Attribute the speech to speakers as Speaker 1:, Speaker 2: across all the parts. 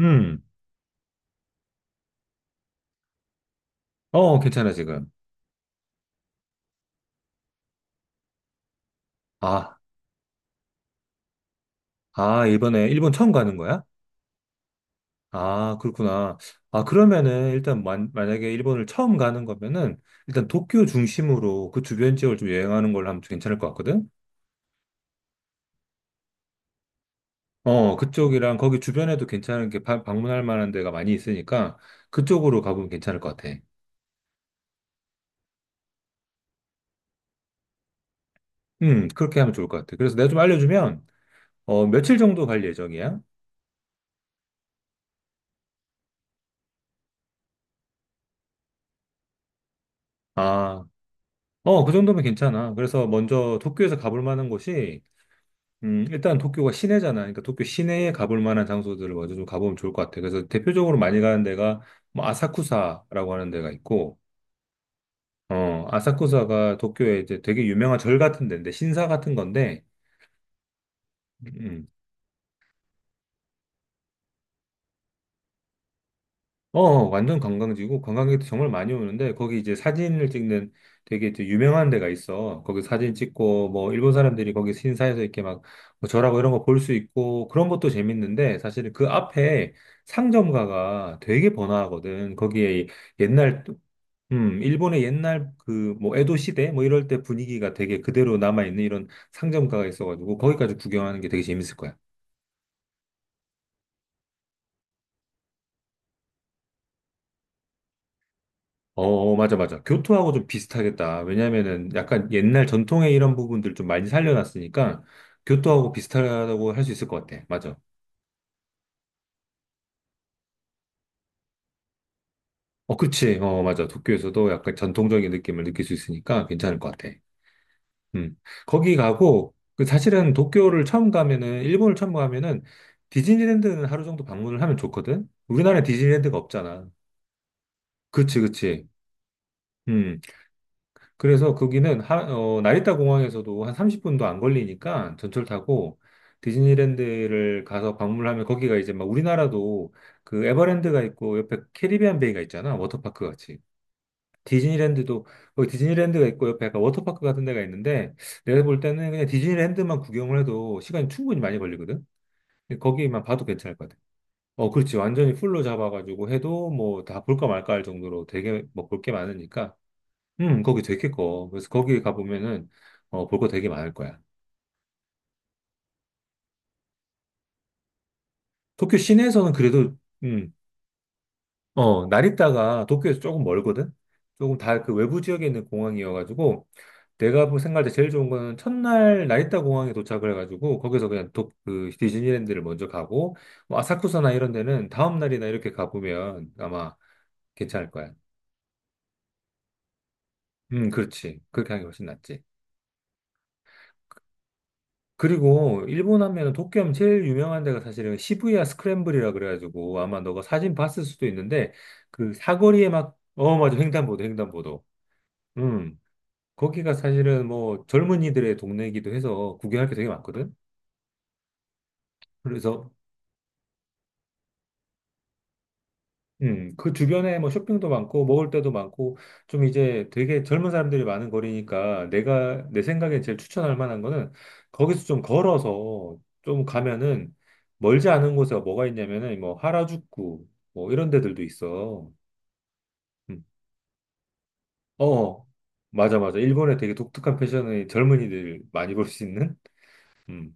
Speaker 1: 음, 어, 괜찮아, 지금. 아, 아, 이번에 일본 처음 가는 거야? 아, 그렇구나. 아, 그러면은, 일단, 만약에 일본을 처음 가는 거면은, 일단 도쿄 중심으로 그 주변 지역을 좀 여행하는 걸로 하면 좀 괜찮을 것 같거든? 어, 그쪽이랑 거기 주변에도 괜찮은 게 방문할 만한 데가 많이 있으니까, 그쪽으로 가보면 괜찮을 것 같아. 그렇게 하면 좋을 것 같아. 그래서 내가 좀 알려주면, 어, 며칠 정도 갈 예정이야? 아, 어, 그 정도면 괜찮아. 그래서 먼저 도쿄에서 가볼 만한 곳이, 일단 도쿄가 시내잖아. 그러니까 도쿄 시내에 가볼 만한 장소들을 먼저 좀 가보면 좋을 것 같아. 그래서 대표적으로 많이 가는 데가 뭐 아사쿠사라고 하는 데가 있고, 어, 아사쿠사가 도쿄에 이제 되게 유명한 절 같은 데인데, 신사 같은 건데, 음, 어, 어, 완전 관광지고 관광객도 정말 많이 오는데 거기 이제 사진을 찍는 되게 이제 유명한 데가 있어. 거기 사진 찍고 뭐 일본 사람들이 거기 신사에서 이렇게 막뭐 절하고 이런 거 볼 수 있고 그런 것도 재밌는데 사실 그 앞에 상점가가 되게 번화하거든. 거기에 옛날 일본의 옛날 그 뭐 에도 시대 뭐 이럴 때 분위기가 되게 그대로 남아 있는 이런 상점가가 있어가지고 거기까지 구경하는 게 되게 재밌을 거야. 어, 어, 맞아, 맞아. 교토하고 좀 비슷하겠다. 왜냐면은 약간 옛날 전통의 이런 부분들 좀 많이 살려놨으니까 교토하고 비슷하다고 할 수 있을 것 같아. 맞아. 어, 그치. 어, 맞아. 도쿄에서도 약간 전통적인 느낌을 느낄 수 있으니까 괜찮을 것 같아. 음. 거기 가고, 그 사실은 도쿄를 처음 가면은, 일본을 처음 가면은 디즈니랜드는 하루 정도 방문을 하면 좋거든? 우리나라에 디즈니랜드가 없잖아. 그치, 그치. 음. 그래서 거기는 어, 나리타 공항에서도 한 30분도 안 걸리니까 전철 타고 디즈니랜드를 가서 방문하면 거기가 이제 막 우리나라도 그 에버랜드가 있고 옆에 캐리비안 베이가 있잖아. 워터파크 같이. 디즈니랜드도 거기 디즈니랜드가 있고 옆에 약간 워터파크 같은 데가 있는데 내가 볼 때는 그냥 디즈니랜드만 구경을 해도 시간이 충분히 많이 걸리거든. 근데 거기만 봐도 괜찮을 것 같아. 어, 그렇지. 완전히 풀로 잡아가지고 해도 뭐 다 볼까 말까 할 정도로 되게 뭐 볼 게 많으니까 거기 되게 커. 그래서 거기 가보면은, 어, 볼 거 되게 많을 거야. 도쿄 시내에서는 그래도, 음, 어, 나리타가 도쿄에서 조금 멀거든? 조금 다 그 외부 지역에 있는 공항이어가지고, 내가 볼 생각할 때 제일 좋은 거는 첫날 나리타 공항에 도착을 해가지고, 거기서 그냥 그 디즈니랜드를 먼저 가고, 뭐 아사쿠사나 이런 데는 다음날이나 이렇게 가보면 아마 괜찮을 거야. 그렇지. 그렇게 하는 게 훨씬 낫지. 그리고 일본 하면은 도쿄 하면 제일 유명한 데가 사실은 시부야 스크램블이라 그래가지고 아마 너가 사진 봤을 수도 있는데 그 사거리에 막 어 맞아 횡단보도. 음. 거기가 사실은 뭐 젊은이들의 동네이기도 해서 구경할 게 되게 많거든. 그래서 그 주변에 뭐 쇼핑도 많고 먹을 데도 많고 좀 이제 되게 젊은 사람들이 많은 거리니까 내가 내 생각에 제일 추천할 만한 거는 거기서 좀 걸어서 좀 가면은 멀지 않은 곳에 뭐가 있냐면은 뭐 하라주쿠 뭐 이런 데들도 있어. 음. 어, 맞아, 맞아. 일본에 되게 독특한 패션의 젊은이들 많이 볼 수 있는. 음.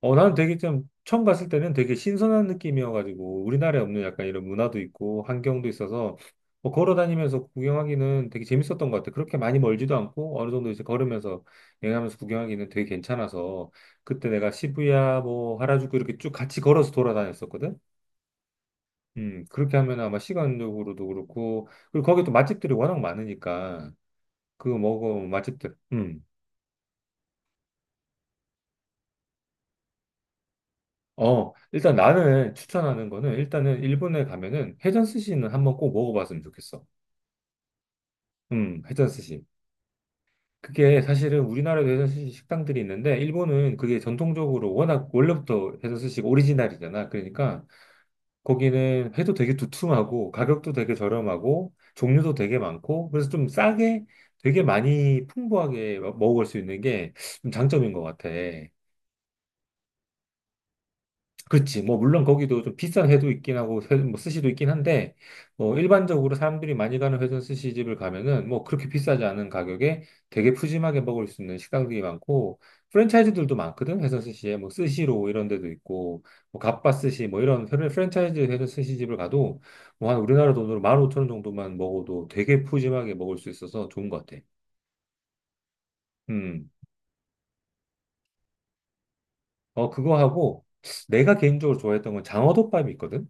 Speaker 1: 어, 나는 되게 좀 처음 갔을 때는 되게 신선한 느낌이어가지고 우리나라에 없는 약간 이런 문화도 있고 환경도 있어서 뭐 걸어 다니면서 구경하기는 되게 재밌었던 것 같아. 그렇게 많이 멀지도 않고 어느 정도 이제 걸으면서 여행하면서 구경하기는 되게 괜찮아서 그때 내가 시부야 뭐 하라주쿠 이렇게 쭉 같이 걸어서 돌아다녔었거든. 그렇게 하면 아마 시간적으로도 그렇고 그리고 거기 또 맛집들이 워낙 많으니까 그거 먹어 맛집들. 음. 어, 일단 나는 추천하는 거는 일단은 일본에 가면은 회전 스시는 한번 꼭 먹어봤으면 좋겠어. 회전 스시. 그게 사실은 우리나라도 회전 스시 식당들이 있는데 일본은 그게 전통적으로 워낙 원래부터 회전 스시가 오리지널이잖아. 그러니까 거기는 회도 되게 두툼하고 가격도 되게 저렴하고 종류도 되게 많고 그래서 좀 싸게 되게 많이 풍부하게 먹을 수 있는 게 좀 장점인 것 같아. 그렇지. 뭐, 물론 거기도 좀 비싼 회도 있긴 하고, 회, 뭐, 스시도 있긴 한데, 뭐, 일반적으로 사람들이 많이 가는 회전 스시집을 가면은, 뭐, 그렇게 비싸지 않은 가격에 되게 푸짐하게 먹을 수 있는 식당들이 많고, 프랜차이즈들도 많거든, 회전 스시에. 뭐, 스시로 이런 데도 있고, 뭐, 갑바 스시, 뭐, 이런 프랜차이즈 회전 스시집을 가도, 뭐, 한 우리나라 돈으로 15,000원 정도만 먹어도 되게 푸짐하게 먹을 수 있어서 좋은 것 같아. 음. 어, 그거 하고, 내가 개인적으로 좋아했던 건 장어덮밥이 있거든?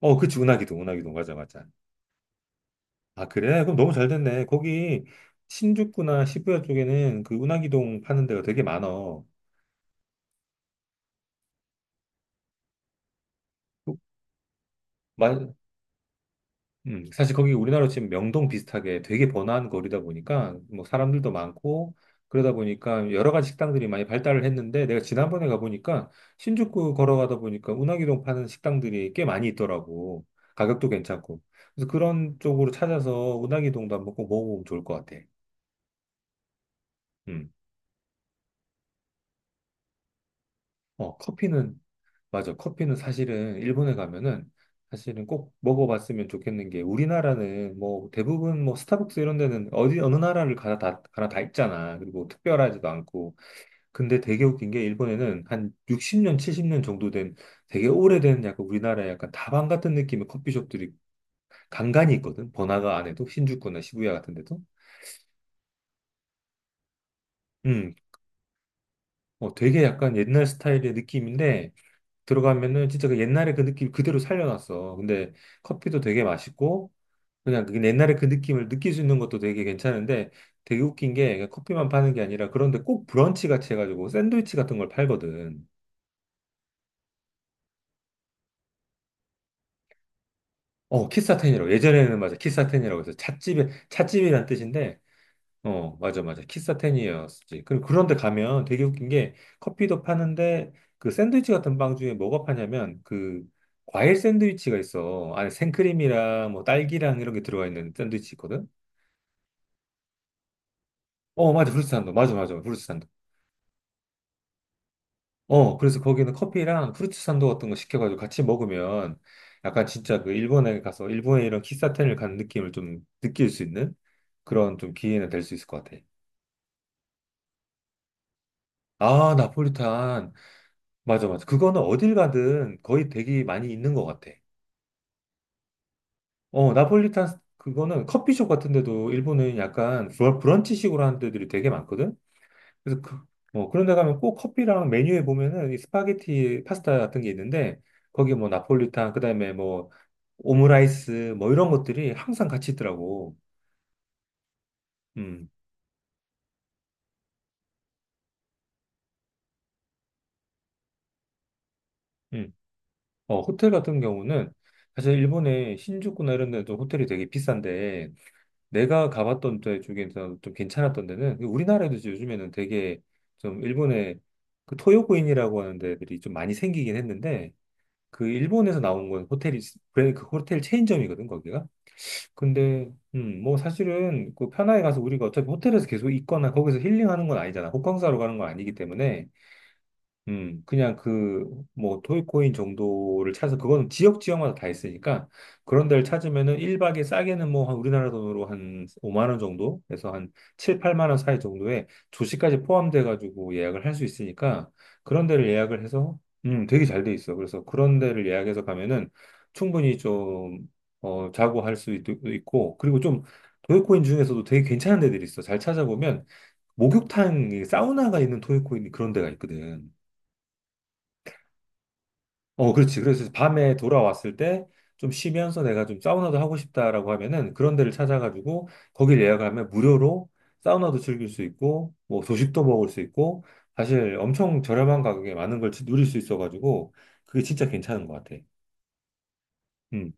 Speaker 1: 어, 그치, 운하기동. 맞아, 맞아. 아, 그래? 그럼 너무 잘 됐네. 거기 신주쿠나 시부야 쪽에는 그 운하기동 파는 데가 되게 많어. 마, 사실 거기 우리나라로 치면 명동 비슷하게 되게 번화한 거리다 보니까 뭐 사람들도 많고 그러다 보니까 여러 가지 식당들이 많이 발달을 했는데 내가 지난번에 가보니까 신주쿠 걸어가다 보니까 운하기동 파는 식당들이 꽤 많이 있더라고. 가격도 괜찮고. 그래서 그런 쪽으로 찾아서 운하기동도 한번 꼭 먹어보면 좋을 것 같아. 음. 어, 커피는 맞아. 커피는 사실은 일본에 가면은 사실은 꼭 먹어봤으면 좋겠는 게 우리나라는 뭐 대부분 뭐 스타벅스 이런 데는 어디 어느 나라를 가나 다 가나 다 있잖아. 그리고 특별하지도 않고. 근데 되게 웃긴 게 일본에는 한 60년, 70년 정도 된 되게 오래된 약간 우리나라의 약간 다방 같은 느낌의 커피숍들이 간간이 있거든. 번화가 안에도 신주쿠나 시부야 같은 데도. 음. 어, 되게 약간 옛날 스타일의 느낌인데 들어가면은 진짜 그 옛날의 그 느낌 그대로 살려놨어. 근데 커피도 되게 맛있고 그냥 그 옛날에 그 느낌을 느낄 수 있는 것도 되게 괜찮은데 되게 웃긴 게 커피만 파는 게 아니라 그런데 꼭 브런치 같이 해가지고 샌드위치 같은 걸 팔거든. 어, 키사텐이라고. 예전에는 맞아. 키사텐이라고 해서 찻집에, 찻집이란 뜻인데, 어, 맞아, 맞아. 키사텐이었지. 그런데 가면 되게 웃긴 게 커피도 파는데 그 샌드위치 같은 빵 중에 뭐가 파냐면 그 과일 샌드위치가 있어. 안에 생크림이랑 뭐 딸기랑 이런 게 들어가 있는 샌드위치 있거든. 어, 맞아. 후르츠 산도. 맞아, 맞아. 후르츠 산도. 어, 그래서 거기는 커피랑 프루츠 산도 같은 거 시켜가지고 같이 먹으면 약간 진짜 그 일본에 가서 일본의 이런 키사텐을 간 느낌을 좀 느낄 수 있는 그런 좀 기회는 될 수 있을 것 같아. 아, 나폴리탄. 맞아, 맞아. 그거는 어딜 가든 거의 되게 많이 있는 것 같아. 어, 나폴리탄 그거는 커피숍 같은 데도 일본은 약간 브런치식으로 하는 데들이 되게 많거든? 그래서 그, 뭐 그런 데 가면 꼭 커피랑 메뉴에 보면은 이 스파게티 파스타 같은 게 있는데 거기 뭐 나폴리탄 그다음에 뭐 오므라이스 뭐 이런 것들이 항상 같이 있더라고. 음. 음. 어, 호텔 같은 경우는 사실 일본의 신주쿠나 이런 데도 호텔이 되게 비싼데 내가 가봤던 데 중에서 좀 괜찮았던 데는 그 우리나라에도 이제 요즘에는 되게 좀 일본의 그 토요코인이라고 하는 데들이 좀 많이 생기긴 했는데 그 일본에서 나온 건 호텔이 브랜드 그 호텔 체인점이거든 거기가. 근데 뭐 사실은 그 편하게 가서 우리가 어차피 호텔에서 계속 있거나 거기서 힐링하는 건 아니잖아. 호캉스하러 가는 건 아니기 때문에 그냥 그, 뭐, 토이코인 정도를 찾아서, 그거는 지역 지역마다 다 있으니까, 그런 데를 찾으면은 1박에 싸게는 뭐, 한 우리나라 돈으로 한 5만 원 정도? 그래서 한 7, 8만 원 사이 정도에 조식까지 포함돼가지고 예약을 할 수 있으니까, 그런 데를 예약을 해서, 되게 잘 돼 있어. 그래서 그런 데를 예약해서 가면은 충분히 좀, 어, 자고 할 수 있고, 그리고 좀, 토이코인 중에서도 되게 괜찮은 데들이 있어. 잘 찾아보면, 목욕탕, 사우나가 있는 토이코인 그런 데가 있거든. 어, 그렇지. 그래서 밤에 돌아왔을 때 좀 쉬면서 내가 좀 사우나도 하고 싶다라고 하면은 그런 데를 찾아가지고 거길 예약하면 무료로 사우나도 즐길 수 있고 뭐 조식도 먹을 수 있고 사실 엄청 저렴한 가격에 많은 걸 누릴 수 있어가지고 그게 진짜 괜찮은 것 같아. 음.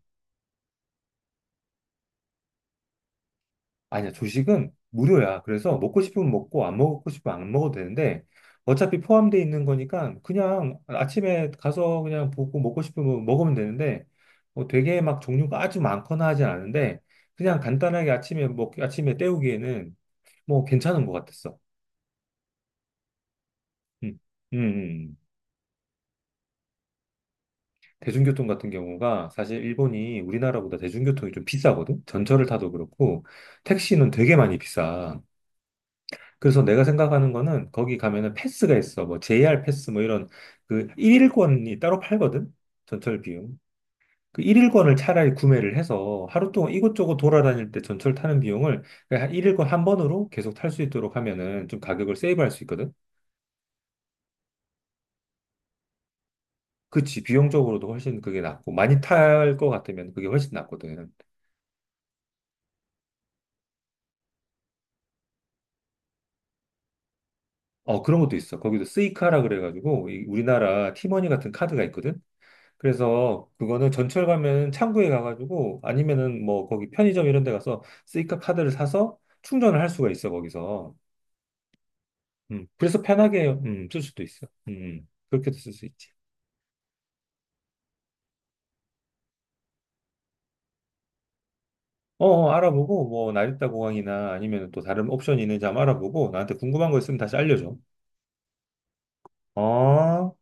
Speaker 1: 아니야, 조식은 무료야. 그래서 먹고 싶으면 먹고 안 먹고 싶으면 안 먹어도 되는데 어차피 포함되어 있는 거니까 그냥 아침에 가서 그냥 보고 먹고 싶으면 먹으면 되는데 뭐 되게 막 종류가 아주 많거나 하진 않은데 그냥 간단하게 아침에 먹 아침에 때우기에는 뭐 괜찮은 것 같았어. 음, 음, 음. 음. 대중교통 같은 경우가 사실 일본이 우리나라보다 대중교통이 좀 비싸거든. 전철을 타도 그렇고 택시는 되게 많이 비싸. 그래서 내가 생각하는 거는 거기 가면은 패스가 있어. 뭐 JR 패스 뭐 이런 그 일일권이 따로 팔거든. 전철 비용. 그 일일권을 차라리 구매를 해서 하루 동안 이곳저곳 돌아다닐 때 전철 타는 비용을 그냥 일일권 한 번으로 계속 탈 수 있도록 하면은 좀 가격을 세이브할 수 있거든. 그치. 비용적으로도 훨씬 그게 낫고 많이 탈 것 같으면 그게 훨씬 낫거든. 어, 그런 것도 있어. 거기도 스이카라 그래가지고 이 우리나라 티머니 같은 카드가 있거든. 그래서 그거는 전철 가면 창구에 가가지고 아니면은 뭐 거기 편의점 이런 데 가서 스이카 카드를 사서 충전을 할 수가 있어 거기서. 음. 그래서 편하게 쓸 수도 있어. 음. 음. 그렇게도 쓸 수 있지. 어, 어, 알아보고 뭐 나리타 공항이나 아니면 또 다른 옵션이 있는지 한번 알아보고 나한테 궁금한 거 있으면 다시 알려줘. 어.